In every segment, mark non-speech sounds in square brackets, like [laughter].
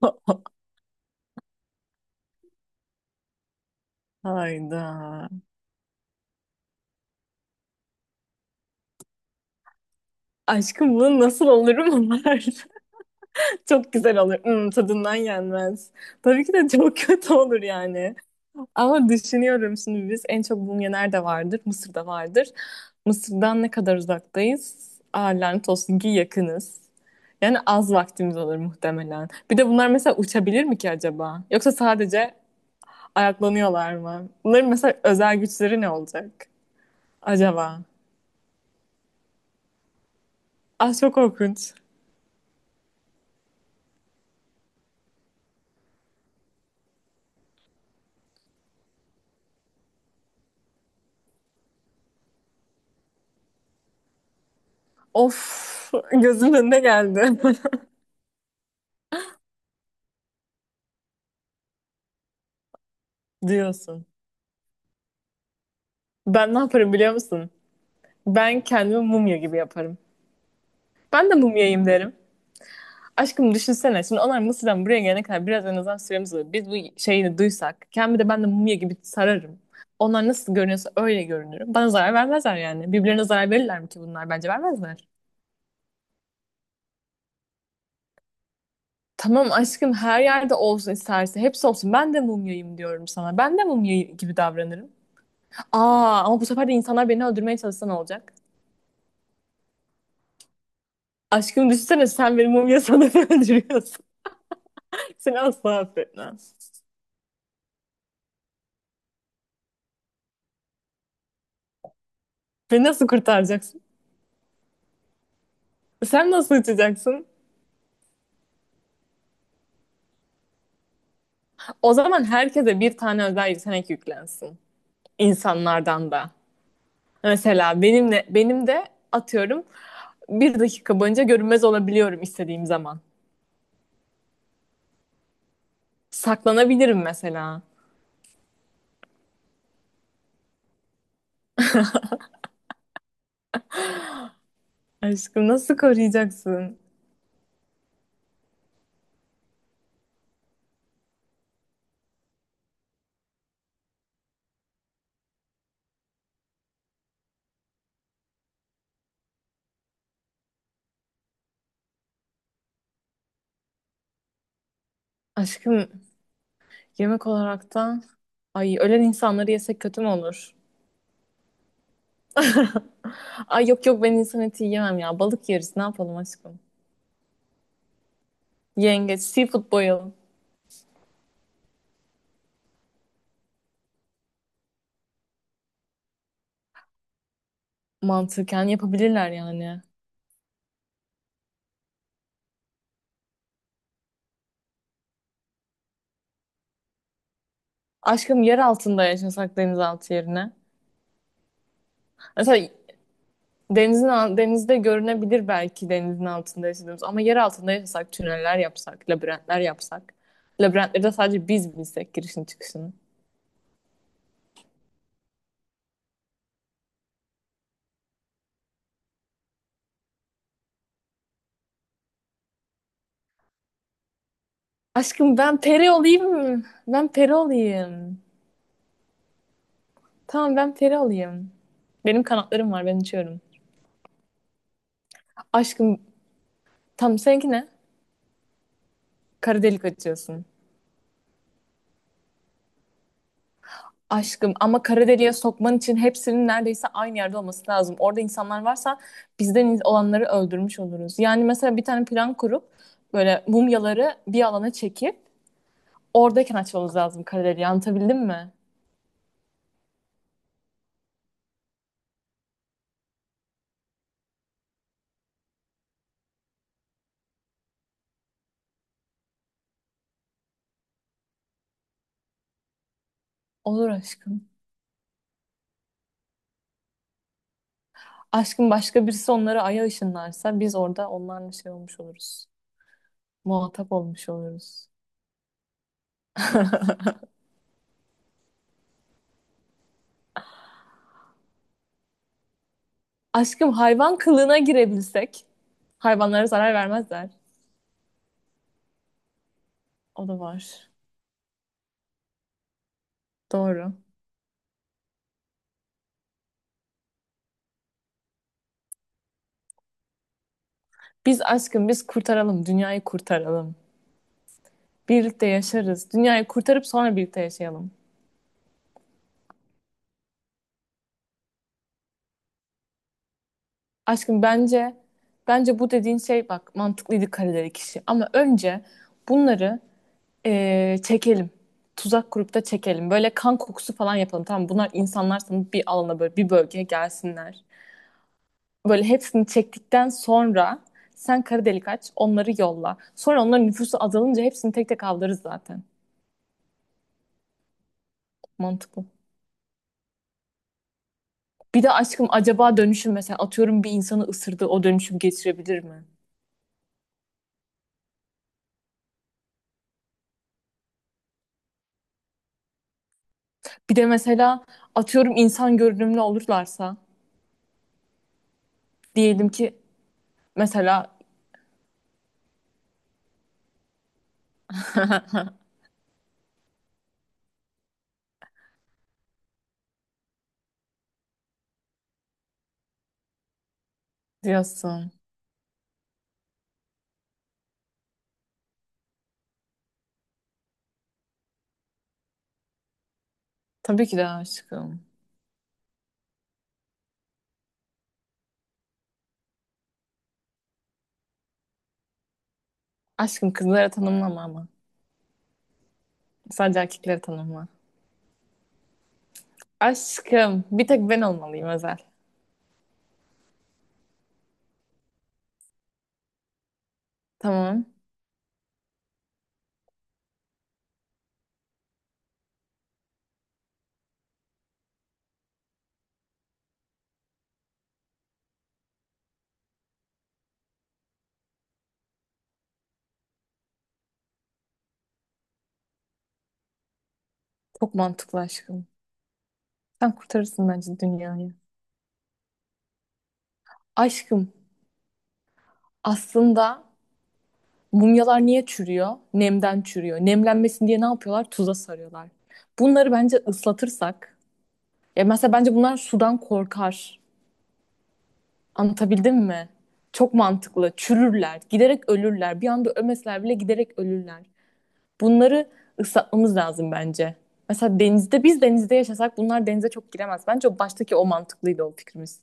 [laughs] Hayda. Aşkım bunu nasıl olurum var? [laughs] Çok güzel olur. Tadından yenmez. Tabii ki de çok [laughs] kötü olur yani. Ama düşünüyorum şimdi biz en çok mum nerede vardır? Mısır'da vardır. Mısır'dan ne kadar uzaktayız? Aa, lanet olsun ki yakınız. Yani az vaktimiz olur muhtemelen. Bir de bunlar mesela uçabilir mi ki acaba? Yoksa sadece ayaklanıyorlar mı? Bunların mesela özel güçleri ne olacak acaba? Ah çok korkunç. Of gözümün önüne geldi [laughs] diyorsun. Ben ne yaparım biliyor musun? Ben kendimi mumya gibi yaparım. Ben de mumyayım derim. Aşkım düşünsene şimdi onlar Mısır'dan buraya gelene kadar biraz en azından süremiz olur. Biz bu şeyini duysak kendimi de ben de mumya gibi sararım. Onlar nasıl görünüyorsa öyle görünürüm. Bana zarar vermezler yani. Birbirlerine zarar verirler mi ki bunlar? Bence vermezler. Tamam aşkım her yerde olsun isterse hepsi olsun. Ben de mumyayım diyorum sana. Ben de mumya gibi davranırım. Aa ama bu sefer de insanlar beni öldürmeye çalışsa ne olacak? Aşkım düşünsene sen benim mumya sanatı [laughs] öldürüyorsun. Seni asla affetmem. Beni nasıl kurtaracaksın? Sen nasıl uçacaksın? O zaman herkese bir tane özel yetenek yüklensin. İnsanlardan da. Mesela benimle, benim de atıyorum bir dakika boyunca görünmez olabiliyorum istediğim zaman. Saklanabilirim mesela. Aşkım nasıl koruyacaksın? Aşkım yemek olarak da ay ölen insanları yesek kötü mü olur? Ay yok yok ben insan eti yiyemem ya. Balık yeriz ne yapalım aşkım? Yengeç, seafood boyalı mantıken yapabilirler yani. Aşkım yer altında yaşasak denizaltı yerine. Mesela denizde görünebilir belki denizin altında yaşadığımız ama yer altında yaşasak tüneller yapsak, labirentler yapsak. Labirentleri de sadece biz bilsek girişini çıkışını. Aşkım ben peri olayım mı? Ben peri olayım. Tamam ben peri olayım. Benim kanatlarım var ben uçuyorum. Aşkım tam seninki ne? Kara delik açıyorsun. Aşkım ama kara deliğe sokman için hepsinin neredeyse aynı yerde olması lazım. Orada insanlar varsa bizden olanları öldürmüş oluruz. Yani mesela bir tane plan kurup böyle mumyaları bir alana çekip oradayken açmamız lazım kara deliği. Anlatabildim mi? Olur aşkım. Aşkım başka birisi onları aya ışınlarsa biz orada onlarla şey olmuş oluruz. Muhatap olmuş oluruz. [laughs] Aşkım hayvan kılığına girebilsek hayvanlara zarar vermezler. O da var. Doğru. Biz aşkım biz kurtaralım, dünyayı kurtaralım. Birlikte yaşarız. Dünyayı kurtarıp sonra birlikte yaşayalım. Aşkım bence bu dediğin şey bak mantıklıydı kareleri kişi. Ama önce bunları çekelim. Tuzak kurup da çekelim. Böyle kan kokusu falan yapalım. Tamam bunlar insanlar sanıp bir alana böyle bir bölgeye gelsinler. Böyle hepsini çektikten sonra sen kara delik aç onları yolla. Sonra onların nüfusu azalınca hepsini tek tek avlarız zaten. Mantıklı. Bir de aşkım acaba dönüşüm mesela atıyorum bir insanı ısırdı o dönüşüm geçirebilir mi? Bir de mesela atıyorum insan görünümlü olurlarsa diyelim ki mesela diyorsun. Tabii ki de aşkım. Aşkım kızlara tanımlama ama. Sadece erkeklere tanımla. Aşkım bir tek ben olmalıyım özel. Tamam. Çok mantıklı aşkım. Sen kurtarırsın bence dünyayı. Aşkım aslında mumyalar niye çürüyor? Nemden çürüyor. Nemlenmesin diye ne yapıyorlar? Tuza sarıyorlar. Bunları bence ıslatırsak, ya mesela bence bunlar sudan korkar. Anlatabildim mi? Çok mantıklı. Çürürler, giderek ölürler. Bir anda ölmeseler bile giderek ölürler. Bunları ıslatmamız lazım bence. Mesela denizde, biz denizde yaşasak bunlar denize çok giremez. Bence baştaki o mantıklıydı o fikrimiz.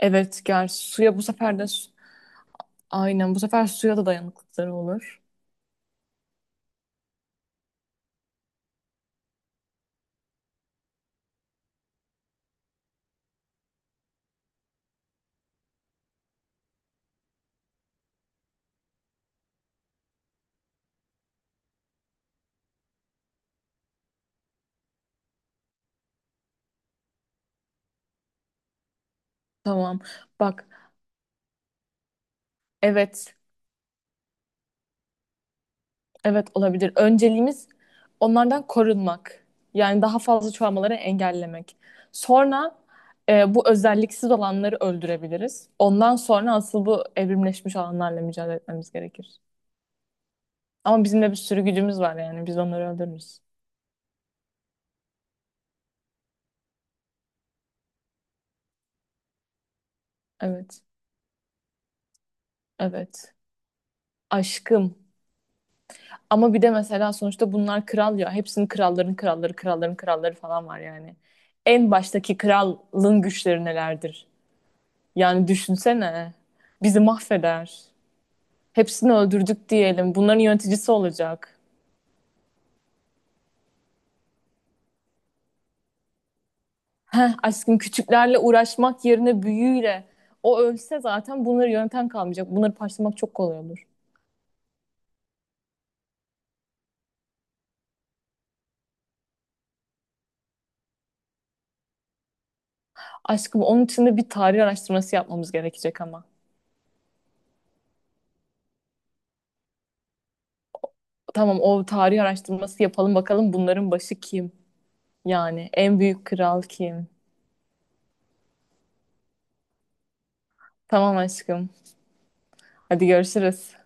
Evet, gel suya bu sefer de... Aynen, bu sefer suya da dayanıklılıkları olur. Tamam. Bak, evet. Evet olabilir. Önceliğimiz onlardan korunmak. Yani daha fazla çoğalmaları engellemek. Sonra bu özelliksiz olanları öldürebiliriz. Ondan sonra asıl bu evrimleşmiş olanlarla mücadele etmemiz gerekir. Ama bizim de bir sürü gücümüz var yani. Biz onları öldürürüz. Evet. Evet. Aşkım. Ama bir de mesela sonuçta bunlar kral ya. Hepsinin kralların kralları, kralların kralları falan var yani. En baştaki kralın güçleri nelerdir? Yani düşünsene. Bizi mahveder. Hepsini öldürdük diyelim. Bunların yöneticisi olacak. Heh, aşkım küçüklerle uğraşmak yerine büyüğüyle. O ölse zaten bunları yöneten kalmayacak. Bunları parçalamak çok kolay olur. Aşkım onun için de bir tarih araştırması yapmamız gerekecek ama. Tamam o tarih araştırması yapalım bakalım bunların başı kim? Yani en büyük kral kim? Tamam aşkım. Hadi görüşürüz.